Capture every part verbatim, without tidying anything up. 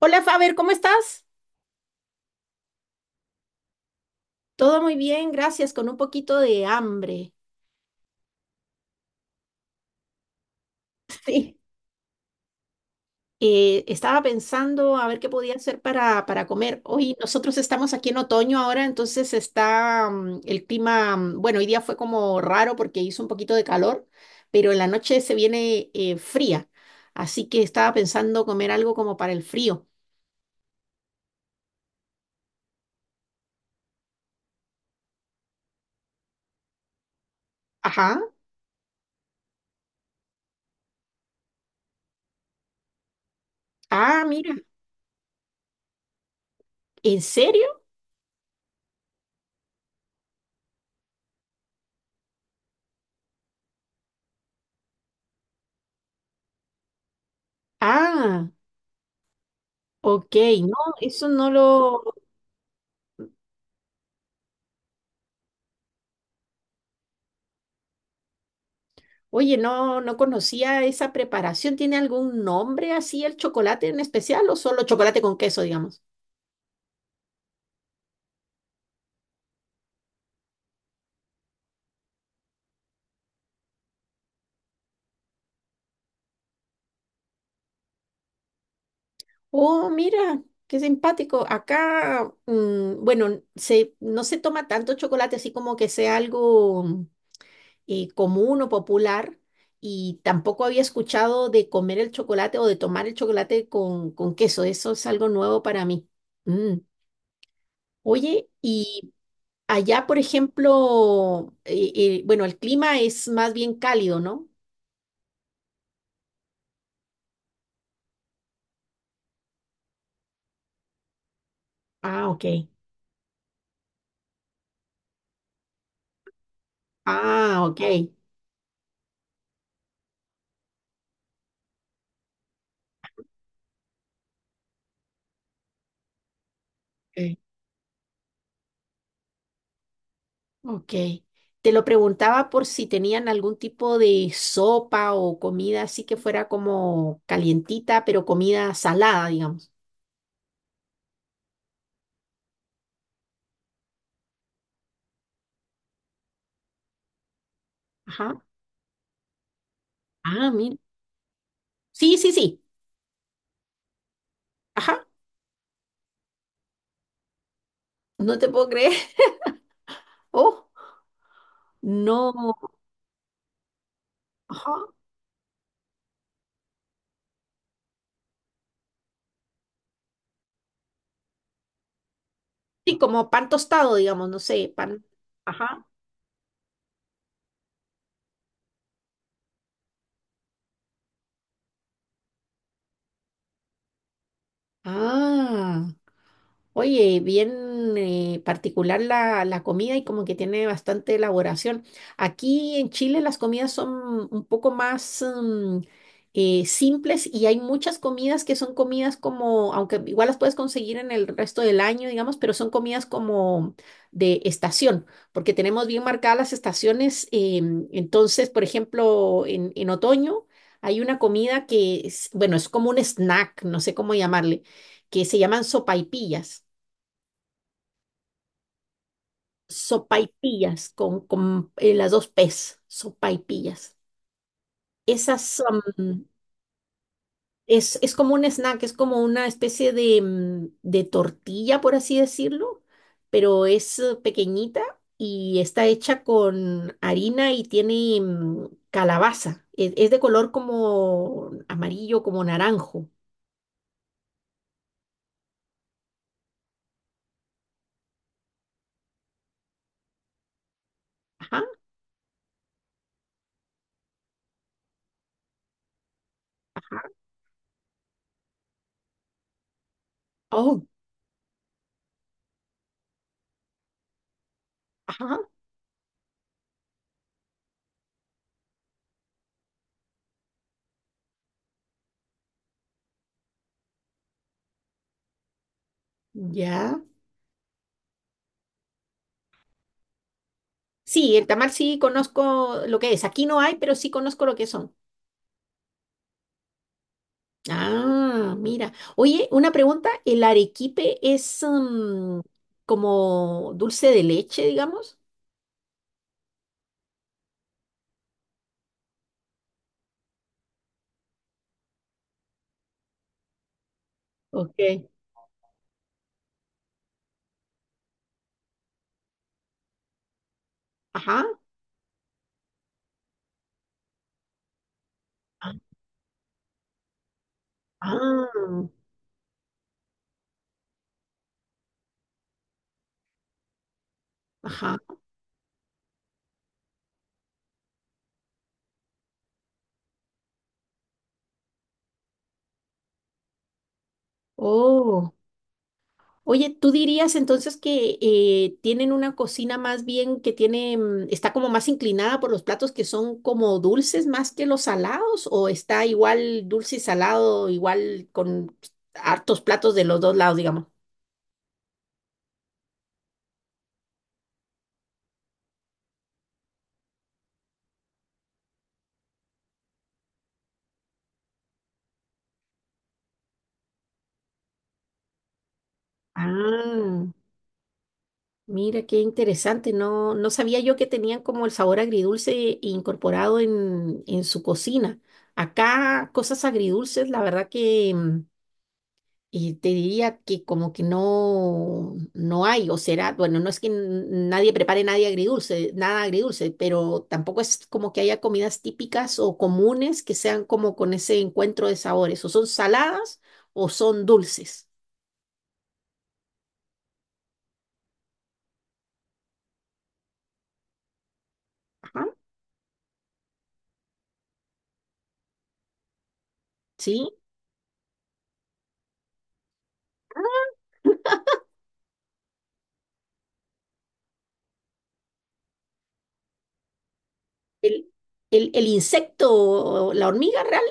Hola Faber, ¿cómo estás? Todo muy bien, gracias, con un poquito de hambre. Sí. Eh, estaba pensando a ver qué podía hacer para, para comer. Hoy nosotros estamos aquí en otoño ahora, entonces está mm, el clima, mm, bueno, hoy día fue como raro porque hizo un poquito de calor, pero en la noche se viene eh, fría, así que estaba pensando comer algo como para el frío. Ajá. Ah, mira, ¿en serio? Ah, ok, no, eso no lo, Oye, no, no conocía esa preparación. ¿Tiene algún nombre así el chocolate en especial o solo chocolate con queso, digamos? Oh, mira, qué simpático. Acá, mm, bueno, se, no se toma tanto chocolate así como que sea algo mm, eh, común o popular. Y tampoco había escuchado de comer el chocolate o de tomar el chocolate con, con queso. Eso es algo nuevo para mí. Mm. Oye, y Allá, por ejemplo, eh, eh, bueno, el clima es más bien cálido, ¿no? Ah, ok. Ah, ok. Ok. Ok. Te lo preguntaba por si tenían algún tipo de sopa o comida así que fuera como calientita, pero comida salada, digamos. Ajá. Ah, mira. Sí, sí, sí. Ajá. No te puedo creer. Oh, no. Ajá. Sí, como pan tostado, digamos, no sé, pan. Ajá. Ah. Oye, bien eh, particular la, la comida y como que tiene bastante elaboración. Aquí en Chile las comidas son un poco más mm, eh, simples y hay muchas comidas que son comidas como, aunque igual las puedes conseguir en el resto del año, digamos, pero son comidas como de estación, porque tenemos bien marcadas las estaciones. Em, entonces, por ejemplo, en, en otoño hay una comida que es, bueno, es como un snack, no sé cómo llamarle, que se llaman sopaipillas, sopaipillas con, con eh, las dos P's, sopaipillas. Esas am, es, es como un snack, es como una especie de, mm, de tortilla, por así decirlo, pero es eh, pequeñita y está hecha con harina y tiene mm, calabaza. Es, es de color como amarillo, como naranjo. Ajá, ajá. Oh, ajá, ya. Sí, el tamal sí conozco lo que es. Aquí no hay, pero sí conozco lo que son. Ah, mira. Oye, una pregunta, ¿el arequipe es mm, como dulce de leche, digamos? Ok. Ajá. Ah, ah, ajá. Oh. Oye, ¿tú dirías entonces que eh, tienen una cocina más bien que tiene, mm, está como más inclinada por los platos que son como dulces más que los salados o está igual dulce y salado, igual con hartos platos de los dos lados, digamos? Ah. Mira, qué interesante. No, no sabía yo que tenían como el sabor agridulce incorporado en, en su cocina. Acá cosas agridulces, la verdad que mm, y te diría que como que no, no hay, o será, bueno, no es que n- nadie prepare nadie agridulce, nada agridulce, pero tampoco es como que haya comidas típicas o comunes que sean como con ese encuentro de sabores, o son saladas o son dulces. Ajá, ¿sí? el, el, el, insecto, la hormiga real,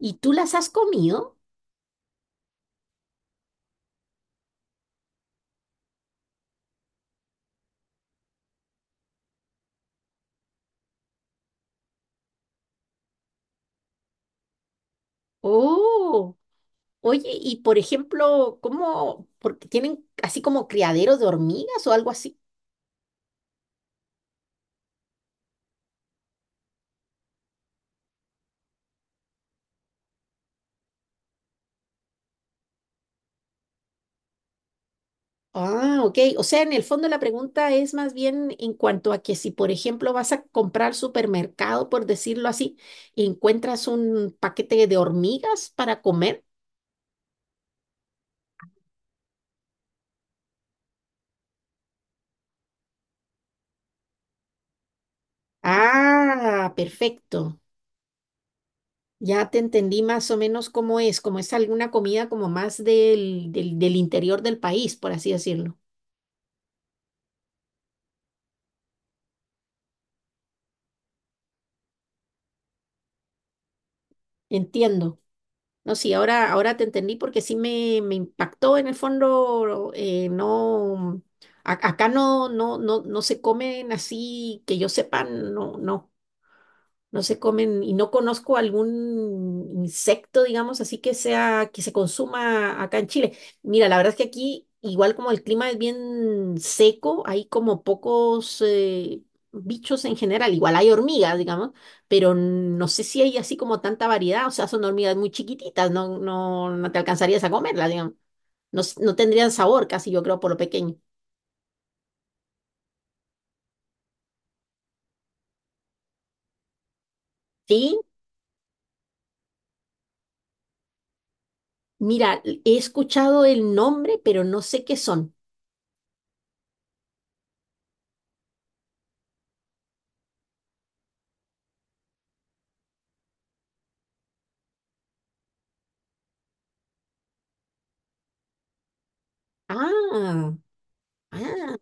y tú las has comido. Oh, oye, y por ejemplo, ¿cómo? Porque tienen así como criaderos de hormigas o algo así. Ah, ok. O sea, en el fondo la pregunta es más bien en cuanto a que si, por ejemplo, vas a comprar supermercado, por decirlo así, y encuentras un paquete de hormigas para comer. Ah, perfecto. Ya te entendí más o menos cómo es, como es alguna comida como más del, del, del interior del país, por así decirlo. Entiendo. No, sí, ahora, ahora te entendí porque sí me, me impactó en el fondo, eh, no, a- acá no, no, no, no se comen así que yo sepa, no, no. No se comen y no conozco algún insecto, digamos, así que sea que se consuma acá en Chile. Mira, la verdad es que aquí, igual como el clima es bien seco, hay como pocos eh, bichos en general. Igual hay hormigas, digamos, pero no sé si hay así como tanta variedad. O sea, son hormigas muy chiquititas, no, no, no te alcanzarías a comerlas, digamos. No, s- no tendrían sabor casi, yo creo, por lo pequeño. Sí, mira, he escuchado el nombre, pero no sé qué son. Ah, ah.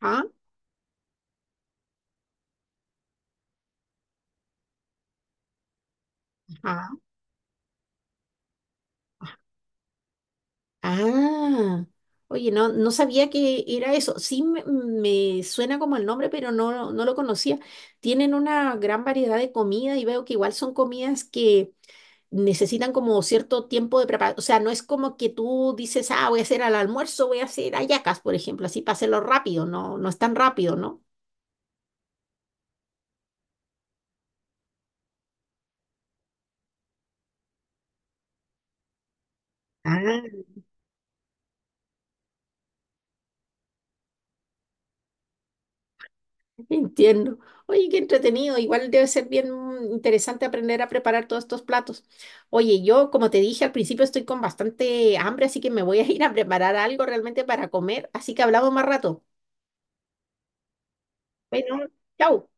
Ajá, ajá. Ah, oye, no, no sabía que era eso. Sí, me, me suena como el nombre, pero no, no lo conocía. Tienen una gran variedad de comida y veo que igual son comidas que necesitan como cierto tiempo de preparación. O sea, no es como que tú dices, ah, voy a hacer al almuerzo, voy a hacer hallacas, por ejemplo, así para hacerlo rápido. No, no es tan rápido, ¿no? Ah. Entiendo. Oye, qué entretenido. Igual debe ser bien interesante aprender a preparar todos estos platos. Oye, yo, como te dije al principio, estoy con bastante hambre, así que me voy a ir a preparar algo realmente para comer. Así que hablamos más rato. Bueno, chao.